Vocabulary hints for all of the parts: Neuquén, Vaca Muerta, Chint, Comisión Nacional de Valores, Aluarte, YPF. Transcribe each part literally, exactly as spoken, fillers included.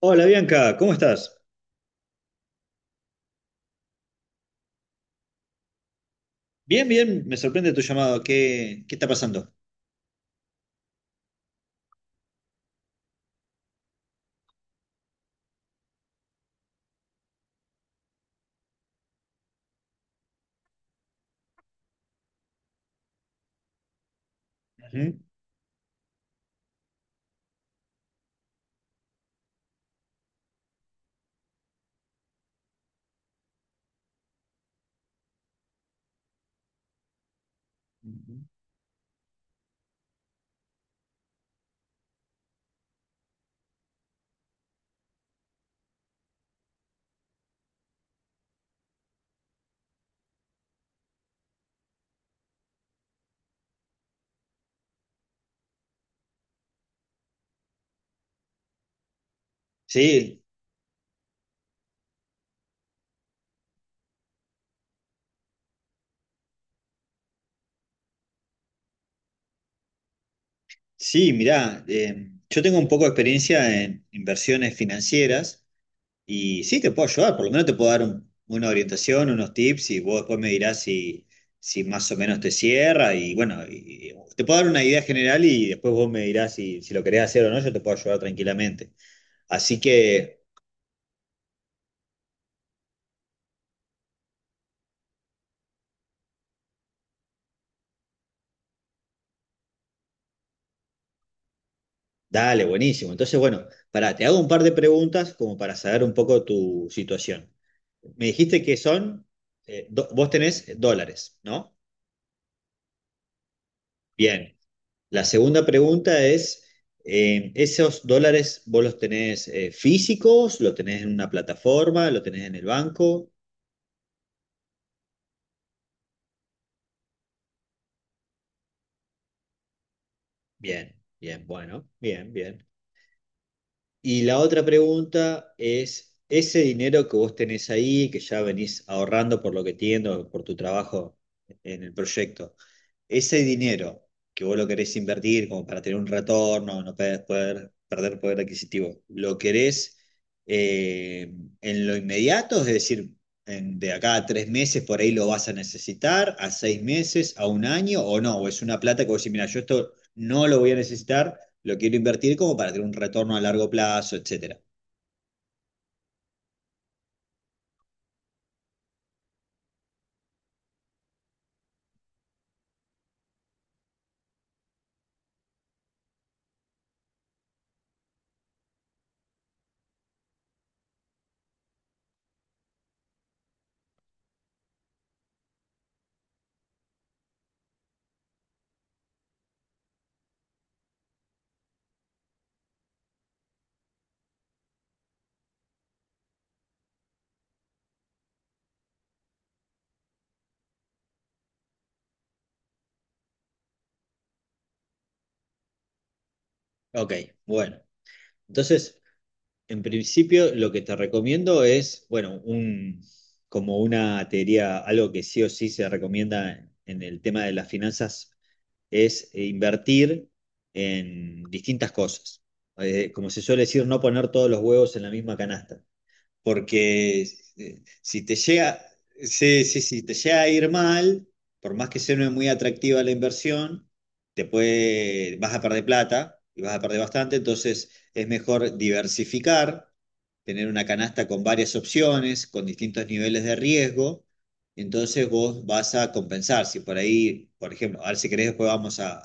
Hola Bianca, ¿cómo estás? Bien, bien, me sorprende tu llamado. ¿Qué, qué está pasando? Ujú. Sí, sí, mirá, eh, yo tengo un poco de experiencia en inversiones financieras. Y sí, te puedo ayudar, por lo menos te puedo dar un- una orientación, unos tips y vos después me dirás si, si más o menos te cierra y bueno, y- y te puedo dar una idea general y después vos me dirás si, si lo querés hacer o no, yo te puedo ayudar tranquilamente. Así que dale, buenísimo. Entonces, bueno, pará, te hago un par de preguntas como para saber un poco tu situación. Me dijiste que son, eh, do- vos tenés dólares, ¿no? Bien. La segunda pregunta es, eh, ¿esos dólares vos los tenés eh, físicos? ¿Lo tenés en una plataforma? ¿Lo tenés en el banco? Bien, bien, bueno, bien, bien. Y la otra pregunta es, ese dinero que vos tenés ahí, que ya venís ahorrando por lo que entiendo, por tu trabajo en el proyecto, ese dinero que vos lo querés invertir como para tener un retorno, no pe- poder, perder poder adquisitivo, ¿lo querés eh, en lo inmediato? Es decir, en- de acá a tres meses por ahí lo vas a necesitar, a seis meses, a un año o no, o es una plata que vos decís, mira, yo esto no lo voy a necesitar, lo quiero invertir como para tener un retorno a largo plazo, etcétera. Ok, bueno. Entonces, en principio, lo que te recomiendo es, bueno, un, como una teoría, algo que sí o sí se recomienda en el tema de las finanzas, es eh, invertir en distintas cosas. Eh, como se suele decir, no poner todos los huevos en la misma canasta porque eh, si te llega, sí, sí, sí te llega a ir mal, por más que sea no es muy atractiva la inversión, te puede, vas a perder plata y vas a perder bastante, entonces es mejor diversificar, tener una canasta con varias opciones, con distintos niveles de riesgo, entonces vos vas a compensar. Si por ahí, por ejemplo, ahora si querés después vamos a,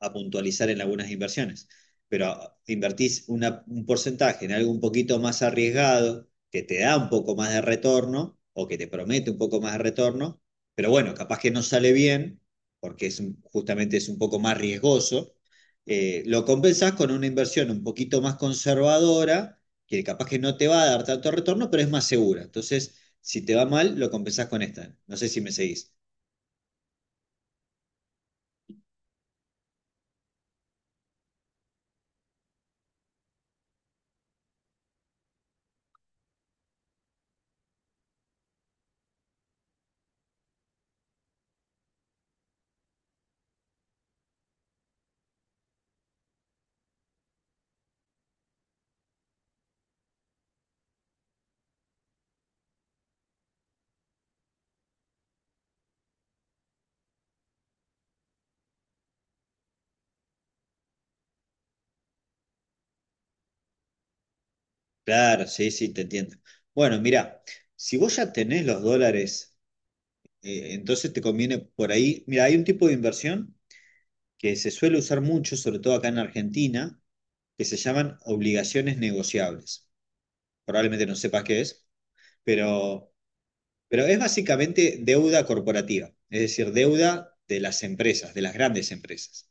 a puntualizar en algunas inversiones, pero invertís una- un porcentaje en algo un poquito más arriesgado que te da un poco más de retorno o que te promete un poco más de retorno, pero bueno, capaz que no sale bien porque es justamente es un poco más riesgoso, eh, lo compensas con una inversión un poquito más conservadora, que capaz que no te va a dar tanto retorno, pero es más segura. Entonces, si te va mal, lo compensás con esta. No sé si me seguís. Claro, sí, sí, te entiendo. Bueno, mirá, si vos ya tenés los dólares, eh, entonces te conviene por ahí. Mira, hay un tipo de inversión que se suele usar mucho, sobre todo acá en Argentina, que se llaman obligaciones negociables. Probablemente no sepas qué es, pero, pero es básicamente deuda corporativa, es decir, deuda de las empresas, de las grandes empresas.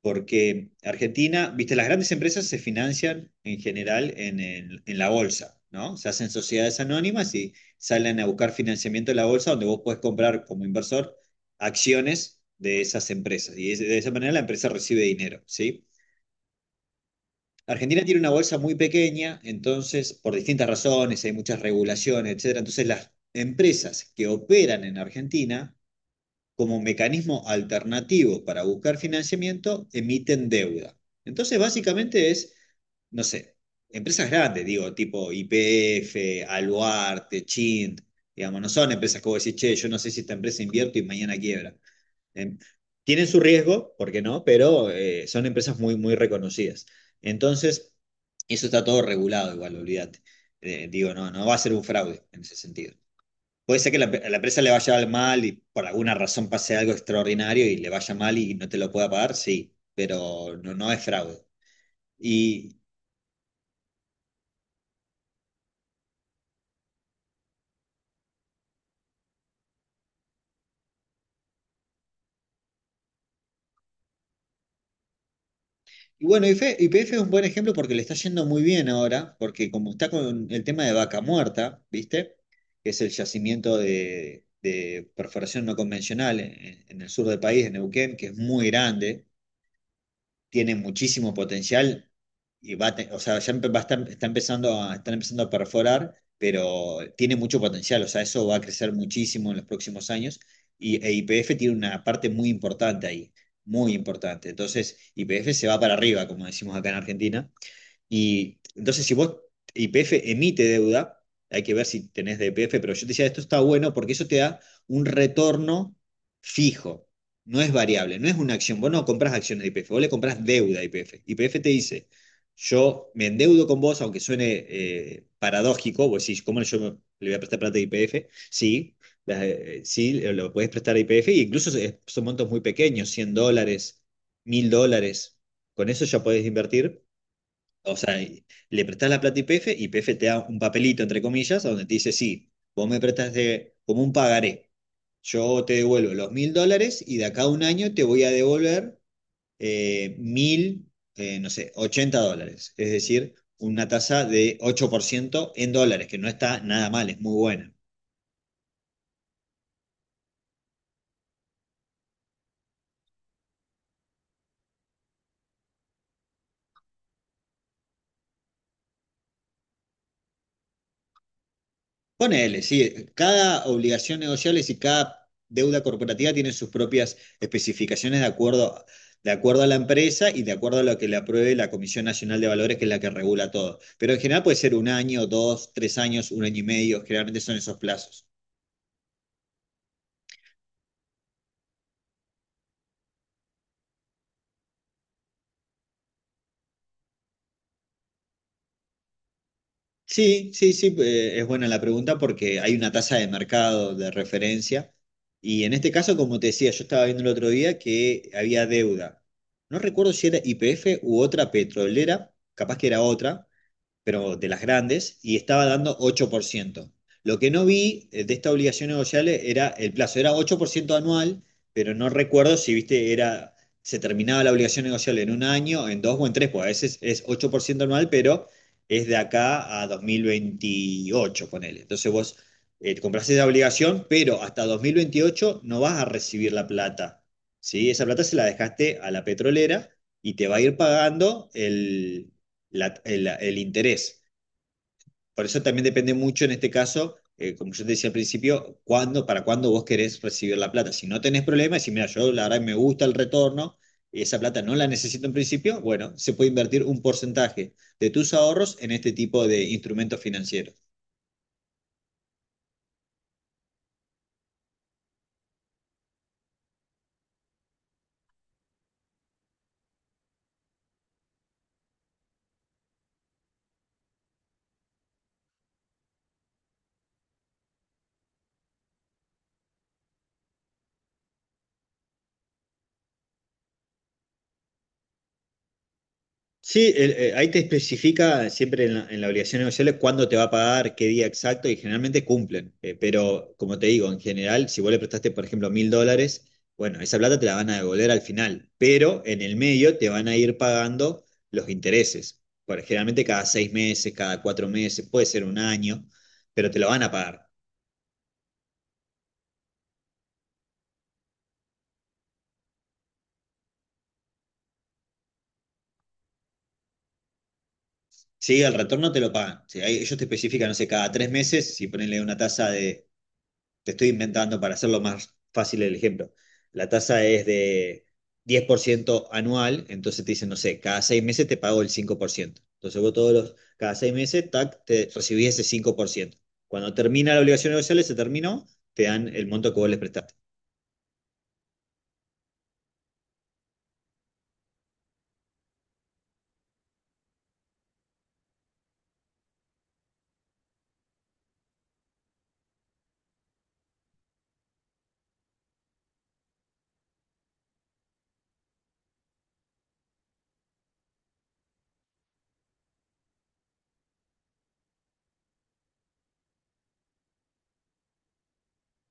Porque Argentina, viste, las grandes empresas se financian en general en, el- en la bolsa, ¿no? Se hacen sociedades anónimas y salen a buscar financiamiento en la bolsa donde vos podés comprar como inversor acciones de esas empresas. Y de esa manera la empresa recibe dinero, ¿sí? Argentina tiene una bolsa muy pequeña, entonces, por distintas razones, hay muchas regulaciones, etcétera. Entonces, las empresas que operan en Argentina, como mecanismo alternativo para buscar financiamiento, emiten deuda. Entonces, básicamente es, no sé, empresas grandes, digo, tipo Y P F, Aluarte, Chint, digamos, no son empresas que vos decís, che, yo no sé si esta empresa invierto y mañana quiebra. Eh, tienen su riesgo, ¿por qué no? Pero eh, son empresas muy, muy reconocidas. Entonces, eso está todo regulado igual, olvídate. Eh, digo, no, no va a ser un fraude en ese sentido. Puede ser que la, a la empresa le vaya mal y por alguna razón pase algo extraordinario y le vaya mal y no te lo pueda pagar, sí, pero no, no es fraude. Y Y bueno, Y P F es un buen ejemplo porque le está yendo muy bien ahora, porque como está con el tema de Vaca Muerta, ¿viste? Que es el yacimiento de, de perforación no convencional en, en el sur del país, en Neuquén, que es muy grande, tiene muchísimo potencial y va a te- o sea, ya empe- va a estar- está empezando a, están empezando a perforar, pero tiene mucho potencial, o sea, eso va a crecer muchísimo en los próximos años y e Y P F tiene una parte muy importante ahí, muy importante. Entonces, Y P F se va para arriba, como decimos acá en Argentina, y entonces, si vos, Y P F emite deuda, hay que ver si tenés de Y P F, pero yo te decía, esto está bueno porque eso te da un retorno fijo, no es variable, no es una acción. Vos no compras acciones de Y P F, vos le compras deuda a Y P F. Y P F te dice, yo me endeudo con vos, aunque suene eh, paradójico, vos decís, ¿cómo yo me- le voy a prestar plata a Y P F? Sí, la- eh, sí, lo puedes prestar a Y P F, e incluso son montos muy pequeños, cien dólares, mil dólares. Con eso ya podés invertir o sea, le prestás la plata a I P F y I P F te da un papelito, entre comillas, donde te dice, sí, vos me prestaste como un pagaré. Yo te devuelvo los mil dólares y de acá a un año te voy a devolver eh, mil, eh, no sé, ochenta dólares. Es decir, una tasa de ocho por ciento en dólares, que no está nada mal, es muy buena. Ponele, sí, cada obligación negociable y cada deuda corporativa tiene sus propias especificaciones de acuerdo, de acuerdo a la empresa y de acuerdo a lo que le apruebe la Comisión Nacional de Valores, que es la que regula todo. Pero en general puede ser un año, dos, tres años, un año y medio, generalmente son esos plazos. Sí, sí, sí, eh, es buena la pregunta porque hay una tasa de mercado de referencia y en este caso, como te decía, yo estaba viendo el otro día que había deuda. No recuerdo si era Y P F u otra petrolera, capaz que era otra pero de las grandes, y estaba dando ocho por ciento. Lo que no vi eh, de esta obligación negociable era el plazo, era ocho por ciento anual, pero no recuerdo si, viste, era, se terminaba la obligación negociable en un año, en dos o en tres, pues a veces es ocho por ciento anual, pero es de acá a dos mil veintiocho, ponele. Entonces vos eh, compras esa obligación, pero hasta dos mil veintiocho no vas a recibir la plata, ¿sí? Esa plata se la dejaste a la petrolera y te va a ir pagando el, la- el, el interés. Por eso también depende mucho en este caso, eh, como yo te decía al principio, cuándo, para cuándo vos querés recibir la plata. Si no tenés problemas, si mira, yo la verdad me gusta el retorno y esa plata no la necesito en principio, bueno, se puede invertir un porcentaje de tus ahorros en este tipo de instrumentos financieros. Sí, el- eh, ahí te especifica siempre en la, en la obligación negociable cuándo te va a pagar, qué día exacto y generalmente cumplen. Eh, pero como te digo, en general, si vos le prestaste, por ejemplo, mil dólares, bueno, esa plata te la van a devolver al final, pero en el medio te van a ir pagando los intereses. Por, generalmente cada seis meses, cada cuatro meses, puede ser un año, pero te lo van a pagar. Sí, el retorno te lo pagan. Sí, ahí ellos te especifican, no sé, cada tres meses, si ponenle una tasa de te estoy inventando para hacerlo más fácil el ejemplo. La tasa es de diez por ciento anual, entonces te dicen, no sé, cada seis meses te pago el cinco por ciento. Entonces vos todos los, cada seis meses, tac, te recibís ese cinco por ciento. Cuando termina la obligación negociable, se terminó, te dan el monto que vos les prestaste.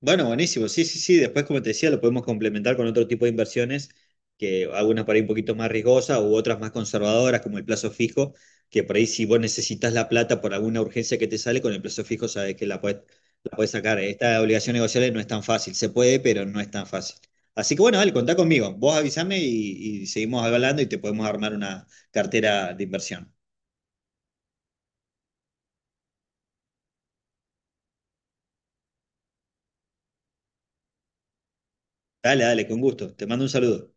Bueno, buenísimo. Sí, sí, sí. Después, como te decía, lo podemos complementar con otro tipo de inversiones, que algunas por ahí un poquito más riesgosas u otras más conservadoras, como el plazo fijo, que por ahí si vos necesitas la plata por alguna urgencia que te sale, con el plazo fijo sabes que la puedes, la puedes sacar. Esta obligación negociable no es tan fácil. Se puede, pero no es tan fácil. Así que bueno, dale, contá conmigo. Vos avísame y, y seguimos hablando y te podemos armar una cartera de inversión. Dale, dale, con gusto. Te mando un saludo.